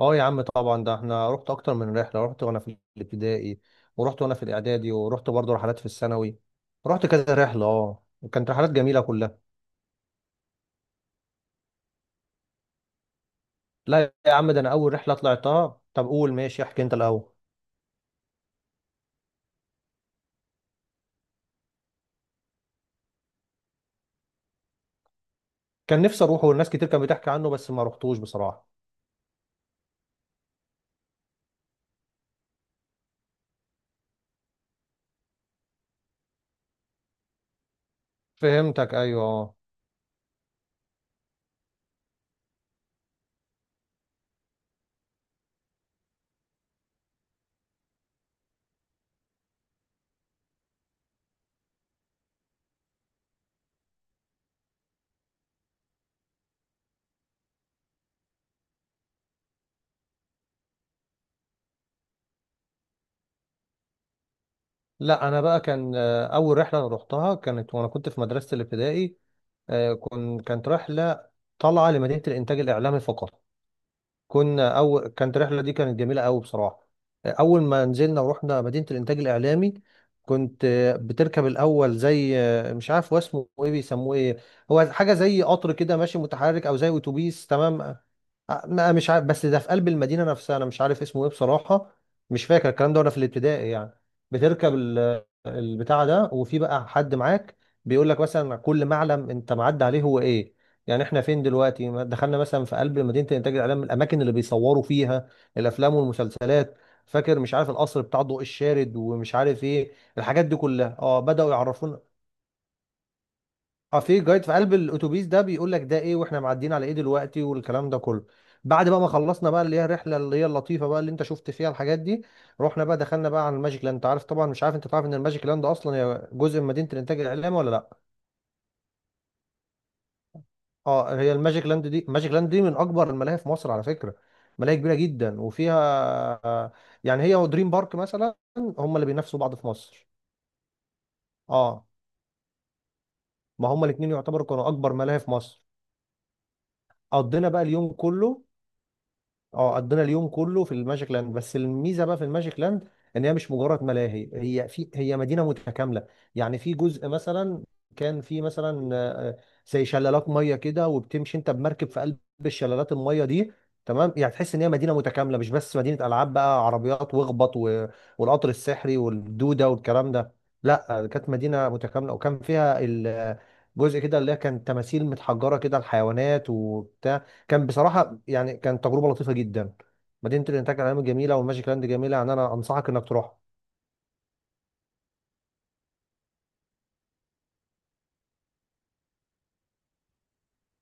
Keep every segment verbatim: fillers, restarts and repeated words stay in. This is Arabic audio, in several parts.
اه يا عم طبعا ده احنا رحت اكتر من رحله. رحت وانا في الابتدائي، ورحت وانا في الاعدادي، ورحت برضه رحلات في الثانوي. رحت كذا رحله اه وكانت رحلات جميله كلها. لا يا عم ده انا اول رحله طلعتها. طب قول ماشي، احكي انت الاول. كان نفسي اروحه والناس كتير كانت بتحكي عنه بس ما رحتوش بصراحه. فهمتك، ايوه، اه. لا انا بقى كان آه، اول رحله انا رحتها كانت وانا كنت في مدرسه الابتدائي. آه، كن كانت رحله طالعه لمدينه الانتاج الاعلامي فقط. كنا أول كانت الرحلة دي كانت جميلة أوي بصراحة. أول ما نزلنا ورحنا مدينة الإنتاج الإعلامي. كنت آه، بتركب الأول زي آه، مش عارف هو اسمه إيه، بيسموه إيه. هو حاجة زي قطر كده ماشي متحرك أو زي أتوبيس، تمام. آه، ما مش عارف، بس ده في قلب المدينة نفسها، أنا مش عارف اسمه إيه بصراحة. مش فاكر الكلام ده وأنا في الابتدائي يعني. بتركب ال- البتاع ده، وفي بقى حد معاك بيقول لك مثلا كل معلم أنت معدي عليه هو إيه. يعني إحنا فين دلوقتي، ما دخلنا مثلا في قلب مدينة إنتاج الإعلام، الأماكن اللي بيصوروا فيها الأفلام والمسلسلات. فاكر مش عارف القصر بتاع ضوء الشارد ومش عارف إيه، الحاجات دي كلها. أه، بدأوا يعرفونا. اه، في جايد في قلب الاتوبيس ده بيقول لك ده ايه واحنا معديين على ايه دلوقتي والكلام ده كله. بعد بقى ما خلصنا بقى اللي هي الرحله اللي هي اللطيفه بقى اللي انت شفت فيها الحاجات دي، رحنا بقى دخلنا بقى على الماجيك لاند. انت عارف طبعا، مش عارف، انت تعرف ان الماجيك لاند اصلا هي جزء من مدينه الانتاج الاعلامي ولا لا؟ اه، هي الماجيك لاند دي، الماجيك لاند دي من اكبر الملاهي في مصر على فكره. ملاهي كبيره جدا وفيها آه، يعني هي ودريم بارك مثلا هم اللي بينافسوا بعض في مصر. اه ما هم الاثنين يعتبروا كانوا اكبر ملاهي في مصر. قضينا بقى اليوم كله. اه قضينا اليوم كله في الماجيك لاند. بس الميزه بقى في الماجيك لاند ان هي مش مجرد ملاهي، هي في هي مدينه متكامله. يعني في جزء مثلا كان في مثلا آه، زي شلالات ميه كده، وبتمشي انت بمركب في قلب الشلالات الميه دي، تمام. يعني تحس ان هي مدينه متكامله، مش بس مدينه العاب بقى عربيات واخبط و- والقطر السحري والدوده والكلام ده. لا كانت مدينه متكامله وكان فيها ال- آه، جزء كده اللي هي كان تماثيل متحجره كده الحيوانات وبتاع. كان بصراحه يعني كانت تجربه لطيفه جدا. مدينه الانتاج العلمي جميله والماجيك لاند جميله، يعني انا انصحك انك تروح.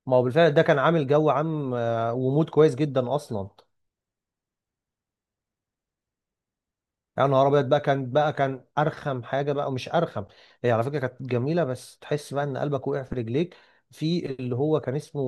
ما هو بالفعل ده كان عامل جو عام آه، ومود كويس جدا اصلا. يا نهار ابيض بقى، كان بقى كان ارخم حاجه بقى، مش ارخم، هي على فكره كانت جميله، بس تحس بقى ان قلبك وقع في رجليك. في اللي هو كان اسمه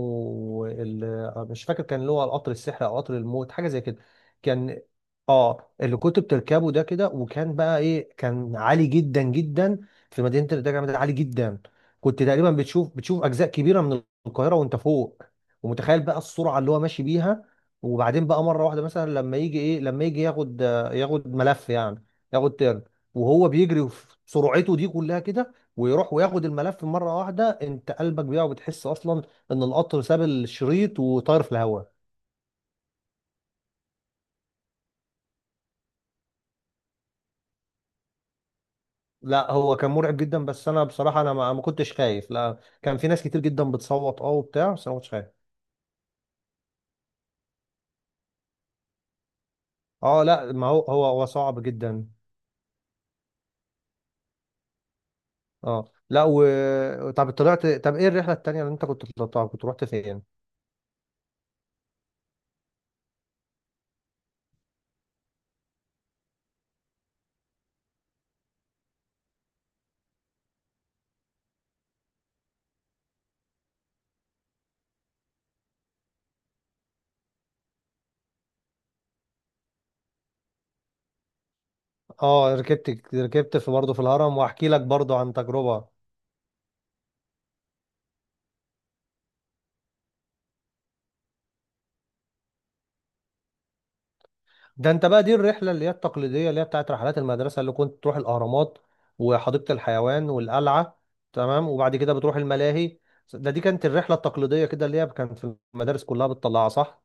ال- مش فاكر، كان اللي هو القطر السحر او قطر الموت حاجه زي كده. كان اه اللي كنت بتركبه ده كده، وكان بقى ايه كان عالي جدا جدا. في مدينه الدجا ده عالي جدا. كنت تقريبا بتشوف بتشوف اجزاء كبيره من القاهره وانت فوق، ومتخيل بقى السرعه اللي هو ماشي بيها. وبعدين بقى مره واحده مثلا لما يجي ايه، لما يجي ياخد، ياخد ملف يعني، ياخد ترن، وهو بيجري في سرعته دي كلها كده ويروح وياخد الملف مرة واحدة، انت قلبك بيقع وبتحس اصلا ان القطر ساب الشريط وطاير في الهواء. لا هو كان مرعب جدا، بس انا بصراحة انا ما ما كنتش خايف. لا كان في ناس كتير جدا بتصوت اه وبتاع، بس انا ما كنتش خايف. اه لا ما هو هو هو صعب جدا. اه لا و طب طلعت، طب ايه الرحلة التانية اللي انت كنت طلعتها، كنت رحت فين؟ اه ركبت ركبت في برضه في الهرم، واحكي لك برضه عن تجربة. ده انت بقى دي الرحله اللي هي التقليديه اللي هي بتاعت رحلات المدرسه اللي كنت تروح الاهرامات وحديقه الحيوان والقلعه، تمام، وبعد كده بتروح الملاهي. ده دي كانت الرحله التقليديه كده اللي هي كانت في المدارس كلها بتطلعها، صح؟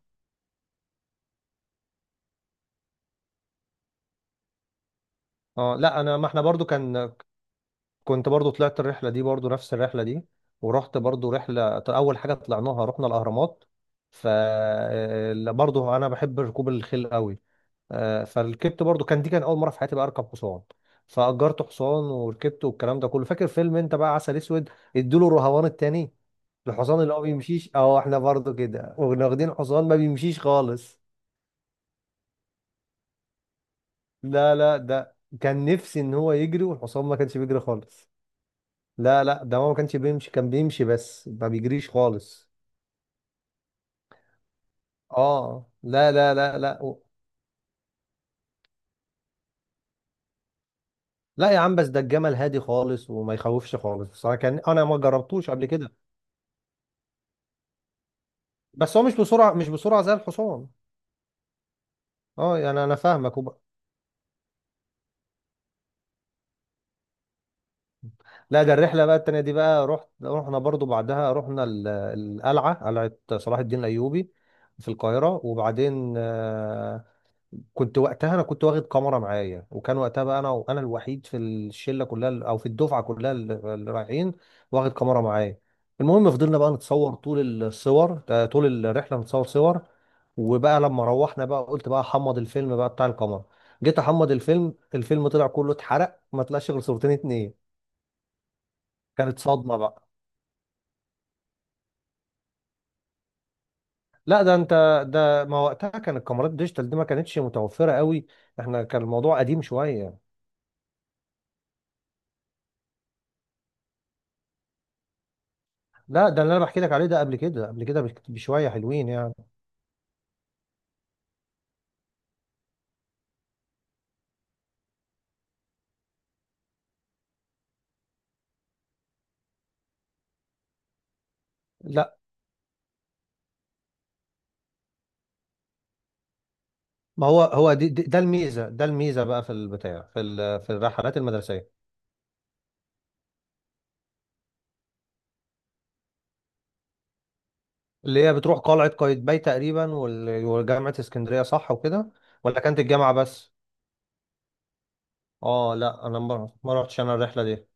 اه لا انا، ما احنا برضو كان، كنت برضو طلعت الرحله دي، برضو نفس الرحله دي. ورحت برضو رحله، اول حاجه طلعناها رحنا الاهرامات. ف آه، ال- برضو انا بحب ركوب الخيل قوي. آه، فركبت، برضو كان دي كان اول مره في حياتي بقى اركب حصان. فاجرت حصان وركبته والكلام ده كله. فاكر فيلم انت بقى عسل اسود، ادوا له الرهوان التاني، الحصان اللي هو بيمشيش؟ اه احنا برضو كده واخدين حصان ما بيمشيش خالص. لا لا ده كان نفسي ان هو يجري، والحصان ما كانش بيجري خالص. لا لا ده هو ما كانش بيمشي، كان بيمشي بس ما بيجريش خالص. اه لا لا لا لا و- لا يا عم بس ده الجمل هادي خالص وما يخوفش خالص بصراحه، كان انا ما جربتوش قبل كده. بس هو مش بسرعه، مش بسرعه زي الحصان. اه يعني انا فاهمك وب... لا ده الرحله بقى التانيه دي بقى رحت، رحنا برضو بعدها رحنا ال- القلعه، قلعه صلاح الدين الايوبي في القاهره. وبعدين آه، كنت وقتها انا كنت واخد كاميرا معايا، وكان وقتها بقى انا، وانا الوحيد في الشله كلها او في الدفعه كلها اللي اللي رايحين، واخد كاميرا معايا. المهم فضلنا بقى نتصور طول الصور آه، طول الرحله نتصور صور. وبقى لما روحنا بقى قلت بقى احمض الفيلم بقى بتاع الكاميرا. جيت احمض الفيلم، الفيلم طلع كله اتحرق، ما طلعش غير صورتين اتنين. كانت صدمه بقى. لا ده انت، ده ما وقتها كان الكاميرات ديجيتال دي ما كانتش متوفره قوي. احنا كان الموضوع قديم شويه. لا ده اللي انا بحكي لك عليه ده قبل كده، قبل كده بك- بشويه حلوين يعني. لا ما هو هو دي دي- ده الميزه، ده الميزه بقى في البتاع في ال- في الرحلات المدرسيه. اللي هي بتروح قلعه قايتباي تقريبا وال- وجامعه اسكندريه، صح وكده، ولا كانت الجامعه بس؟ اه لا انا ما ما رحتش انا الرحله دي.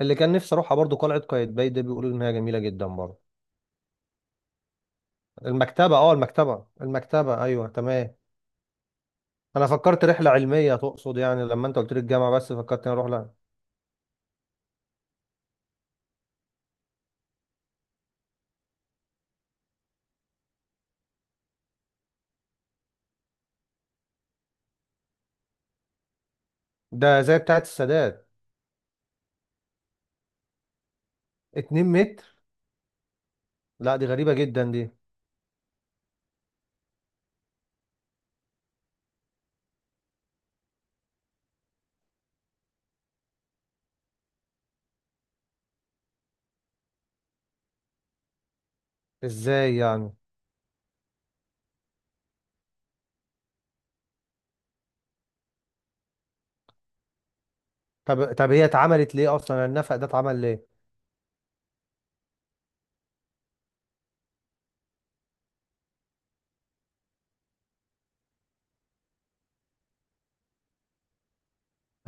اللي كان نفسي اروحها برضو قلعه قايتباي، ده بيقولوا ان هي جميله جدا برضو. المكتبه، اه المكتبه، المكتبه ايوه تمام. انا فكرت رحله علميه تقصد، يعني لما انت قلت لي الجامعه بس فكرت اني اروح لها. ده زي بتاعه السادات. 2 متر؟ لا دي غريبة جدا دي. ازاي يعني؟ طب طب هي اتعملت ليه اصلا، يعني النفق ده اتعمل ليه؟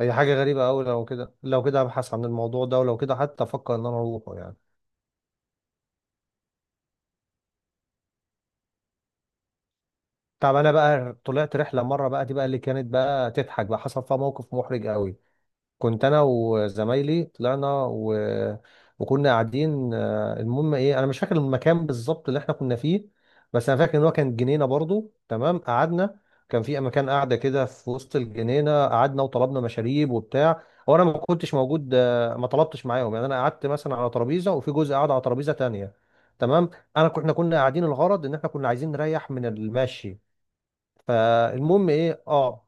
هي حاجة غريبة قوي، لو كده لو كده ابحث عن الموضوع ده، ولو كده حتى افكر ان انا اروحه يعني. طب انا بقى طلعت رحلة مرة بقى، دي بقى اللي كانت بقى تضحك بقى، حصل فيها موقف محرج قوي. كنت انا وزمايلي طلعنا و... وكنا قاعدين، آه، المهم ايه، انا مش فاكر المكان بالظبط اللي احنا كنا فيه، بس انا فاكر ان هو كان جنينه برضو، تمام. قعدنا، كان في مكان قاعده كده في وسط الجنينه، قعدنا وطلبنا مشاريب وبتاع. هو انا ما كنتش موجود، آه، ما طلبتش معاهم يعني. انا قعدت مثلا على ترابيزه، وفي جزء قعد على ترابيزه تانية، تمام. انا كنا كنا قاعدين الغرض ان احنا كنا عايزين نريح من المشي. فالمهم ايه، اه،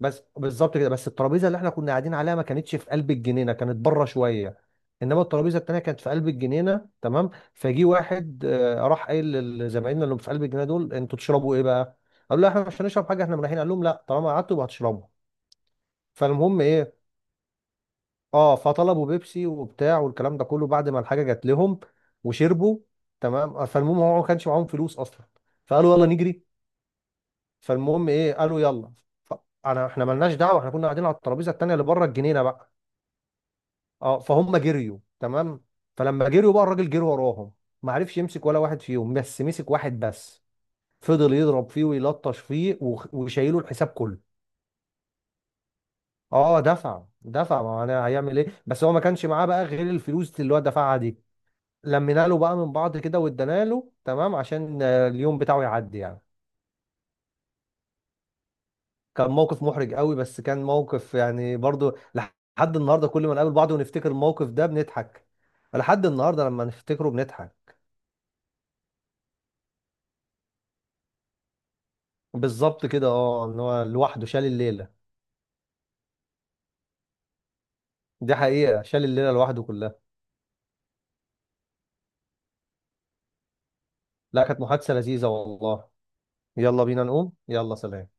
بس بالظبط كده، بس الترابيزه اللي احنا كنا قاعدين عليها ما كانتش في قلب الجنينه، كانت بره شويه. انما الترابيزه التانيه كانت في قلب الجنينه، تمام. فجي واحد آه، راح قايل لزمايلنا اللي في قلب الجنينه دول: انتوا تشربوا ايه بقى؟ قالوا له احنا مش هنشرب حاجه، احنا رايحين. قال لهم لا، طالما قعدتوا يبقى هتشربوا. فالمهم ايه اه، فطلبوا بيبسي وبتاع والكلام ده كله. بعد ما الحاجه جات لهم وشربوا، تمام. فالمهم هو ما كانش معاهم فلوس اصلا. فقالوا يلا نجري. فالمهم ايه، قالوا يلا. ف- انا احنا ملناش دعوه، احنا كنا قاعدين على الترابيزه التانيه اللي بره الجنينه بقى. اه فهم جريوا، تمام. فلما جريوا بقى الراجل جري وراهم، ما عرفش يمسك ولا واحد فيهم، بس مسك واحد بس. فضل يضرب فيه ويلطش فيه وخ- وشايله الحساب كله. اه دفع دفع. ما انا هيعمل ايه، بس هو ما كانش معاه بقى غير الفلوس اللي هو دفعها دي. لمينا له بقى من بعض كده وادانا له، تمام، عشان آه، اليوم بتاعه يعدي يعني. كان موقف محرج قوي، بس كان موقف يعني برضو لحد النهارده كل ما نقابل بعض ونفتكر الموقف ده بنضحك. لحد النهارده لما نفتكره بنضحك. بالظبط كده اه ان هو لوحده شال الليله. دي حقيقه شال الليله لوحده كلها. لا كانت محادثه لذيذه والله. يلا بينا نقوم، يلا سلام.